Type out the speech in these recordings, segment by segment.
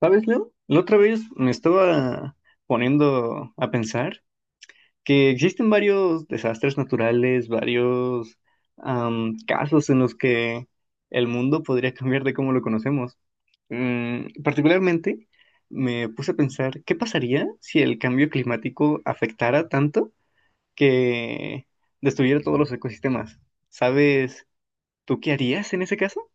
¿Sabes, Leo? La otra vez me estaba poniendo a pensar que existen varios desastres naturales, varios casos en los que el mundo podría cambiar de cómo lo conocemos. Particularmente, me puse a pensar, ¿qué pasaría si el cambio climático afectara tanto que destruyera todos los ecosistemas? ¿Sabes tú qué harías en ese caso?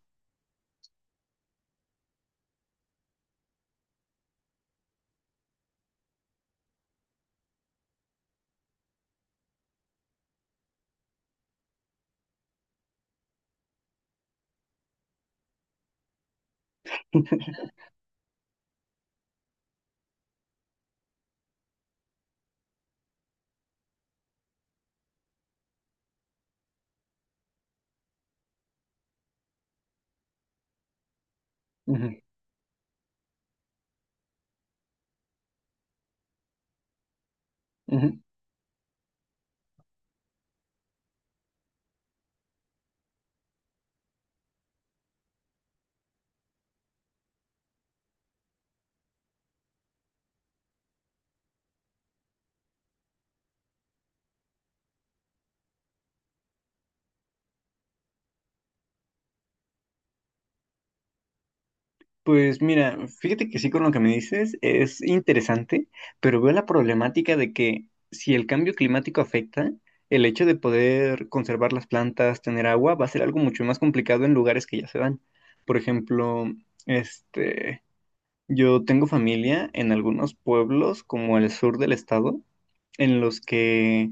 Ujú, ujú. Pues mira, fíjate que sí, con lo que me dices es interesante, pero veo la problemática de que si el cambio climático afecta, el hecho de poder conservar las plantas, tener agua, va a ser algo mucho más complicado en lugares que ya se dan. Por ejemplo, este, yo tengo familia en algunos pueblos como el sur del estado, en los que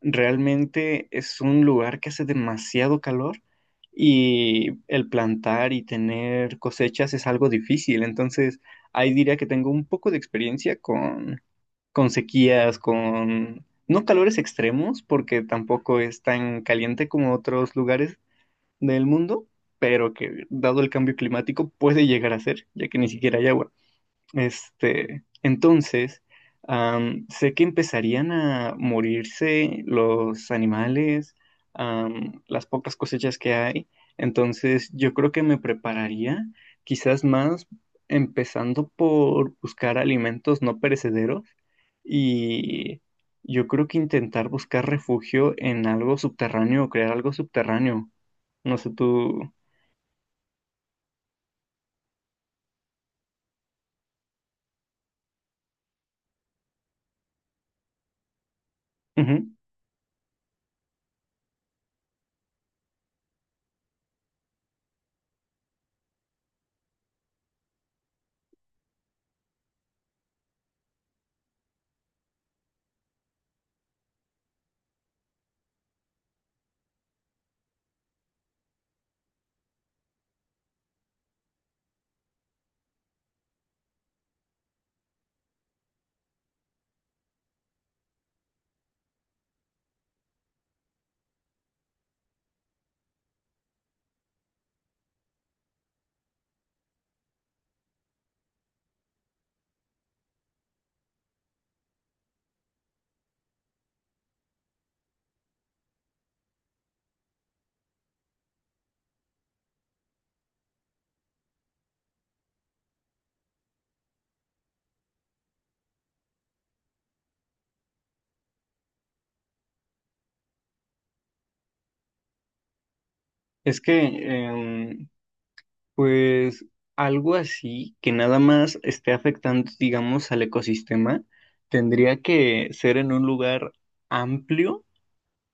realmente es un lugar que hace demasiado calor y el plantar y tener cosechas es algo difícil. Entonces, ahí diría que tengo un poco de experiencia con sequías, con no calores extremos, porque tampoco es tan caliente como otros lugares del mundo, pero que dado el cambio climático puede llegar a ser, ya que ni siquiera hay agua. Entonces, sé que empezarían a morirse los animales, las pocas cosechas que hay. Entonces, yo creo que me prepararía quizás más empezando por buscar alimentos no perecederos y yo creo que intentar buscar refugio en algo subterráneo o crear algo subterráneo. No sé, tú... Ujú. Es que, pues algo así que nada más esté afectando, digamos, al ecosistema, tendría que ser en un lugar amplio,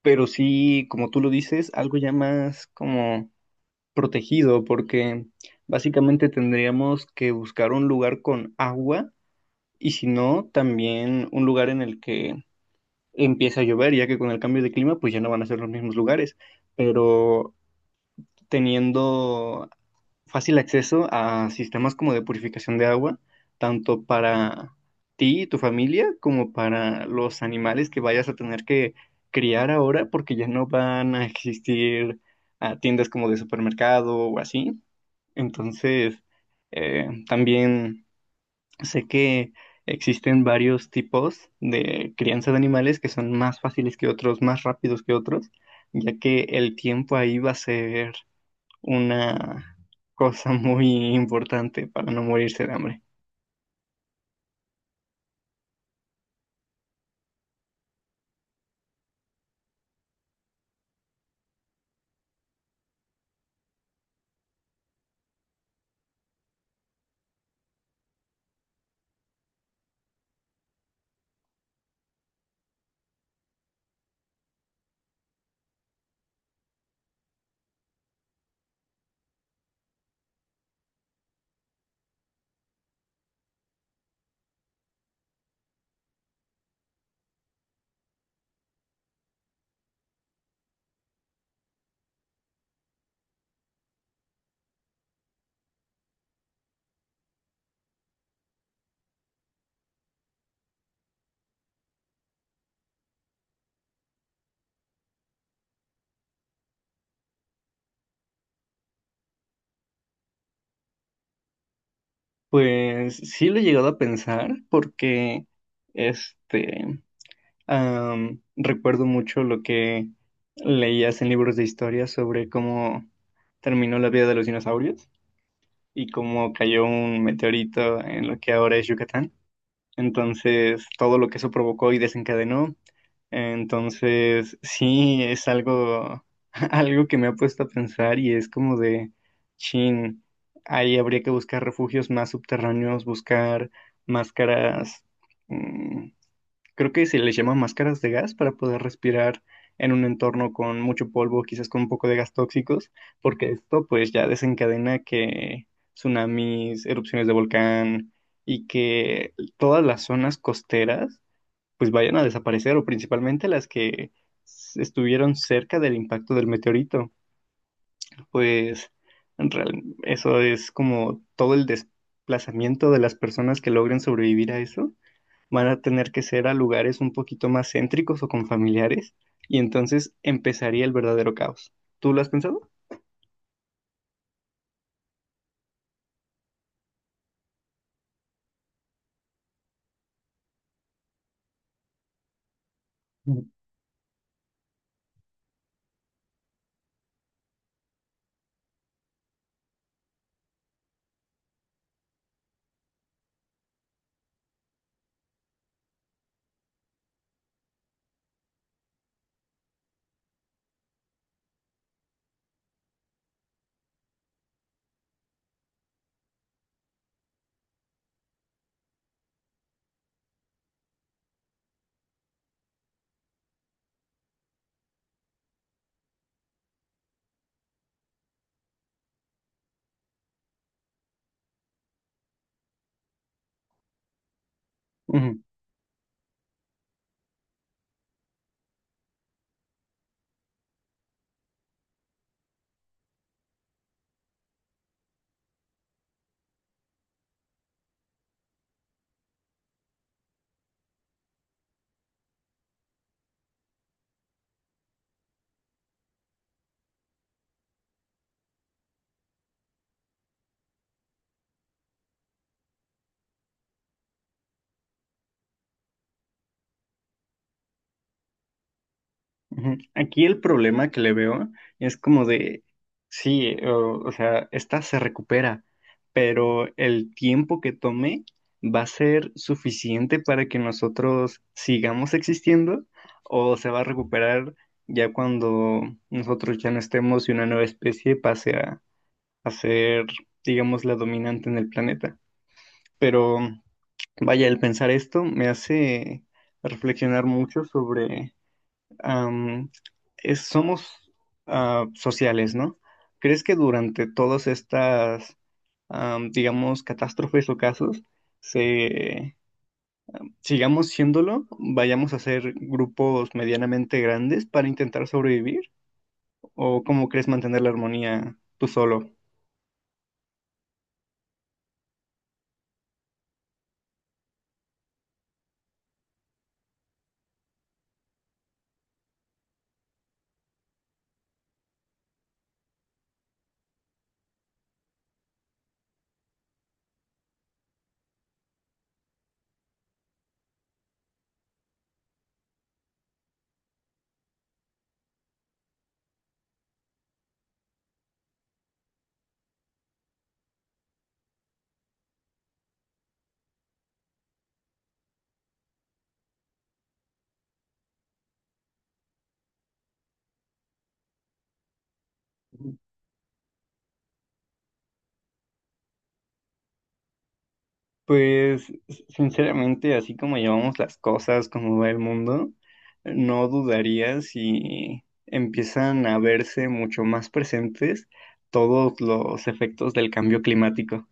pero sí, como tú lo dices, algo ya más como protegido, porque básicamente tendríamos que buscar un lugar con agua y si no, también un lugar en el que empieza a llover, ya que con el cambio de clima, pues ya no van a ser los mismos lugares, pero teniendo fácil acceso a sistemas como de purificación de agua, tanto para ti y tu familia como para los animales que vayas a tener que criar ahora porque ya no van a existir tiendas como de supermercado o así. Entonces, también sé que existen varios tipos de crianza de animales que son más fáciles que otros, más rápidos que otros, ya que el tiempo ahí va a ser una cosa muy importante para no morirse de hambre. Pues sí lo he llegado a pensar porque este recuerdo mucho lo que leías en libros de historia sobre cómo terminó la vida de los dinosaurios y cómo cayó un meteorito en lo que ahora es Yucatán. Entonces, todo lo que eso provocó y desencadenó. Entonces, sí, es algo, algo que me ha puesto a pensar y es como de, chin, ahí habría que buscar refugios más subterráneos, buscar máscaras, mm, creo que se les llama máscaras de gas para poder respirar en un entorno con mucho polvo, quizás con un poco de gas tóxicos, porque esto pues ya desencadena que tsunamis, erupciones de volcán y que todas las zonas costeras pues vayan a desaparecer, o principalmente las que estuvieron cerca del impacto del meteorito. Pues eso es como todo el desplazamiento de las personas que logren sobrevivir a eso. Van a tener que ser a lugares un poquito más céntricos o con familiares, y entonces empezaría el verdadero caos. ¿Tú lo has pensado? Ujú. Ujú. Aquí el problema que le veo es como de, sí, o sea, esta se recupera, pero el tiempo que tome va a ser suficiente para que nosotros sigamos existiendo o se va a recuperar ya cuando nosotros ya no estemos y una nueva especie pase a ser, digamos, la dominante en el planeta. Pero vaya, el pensar esto me hace reflexionar mucho. am, somos sociales, ¿no? ¿Crees que durante todas estas, digamos, catástrofes o casos, se, sigamos siéndolo, vayamos a ser grupos medianamente grandes para intentar sobrevivir? ¿O cómo crees mantener la armonía tú solo? Pues sinceramente, así como llevamos las cosas, como va el mundo, no dudaría si empiezan a verse mucho más presentes todos los efectos del cambio climático.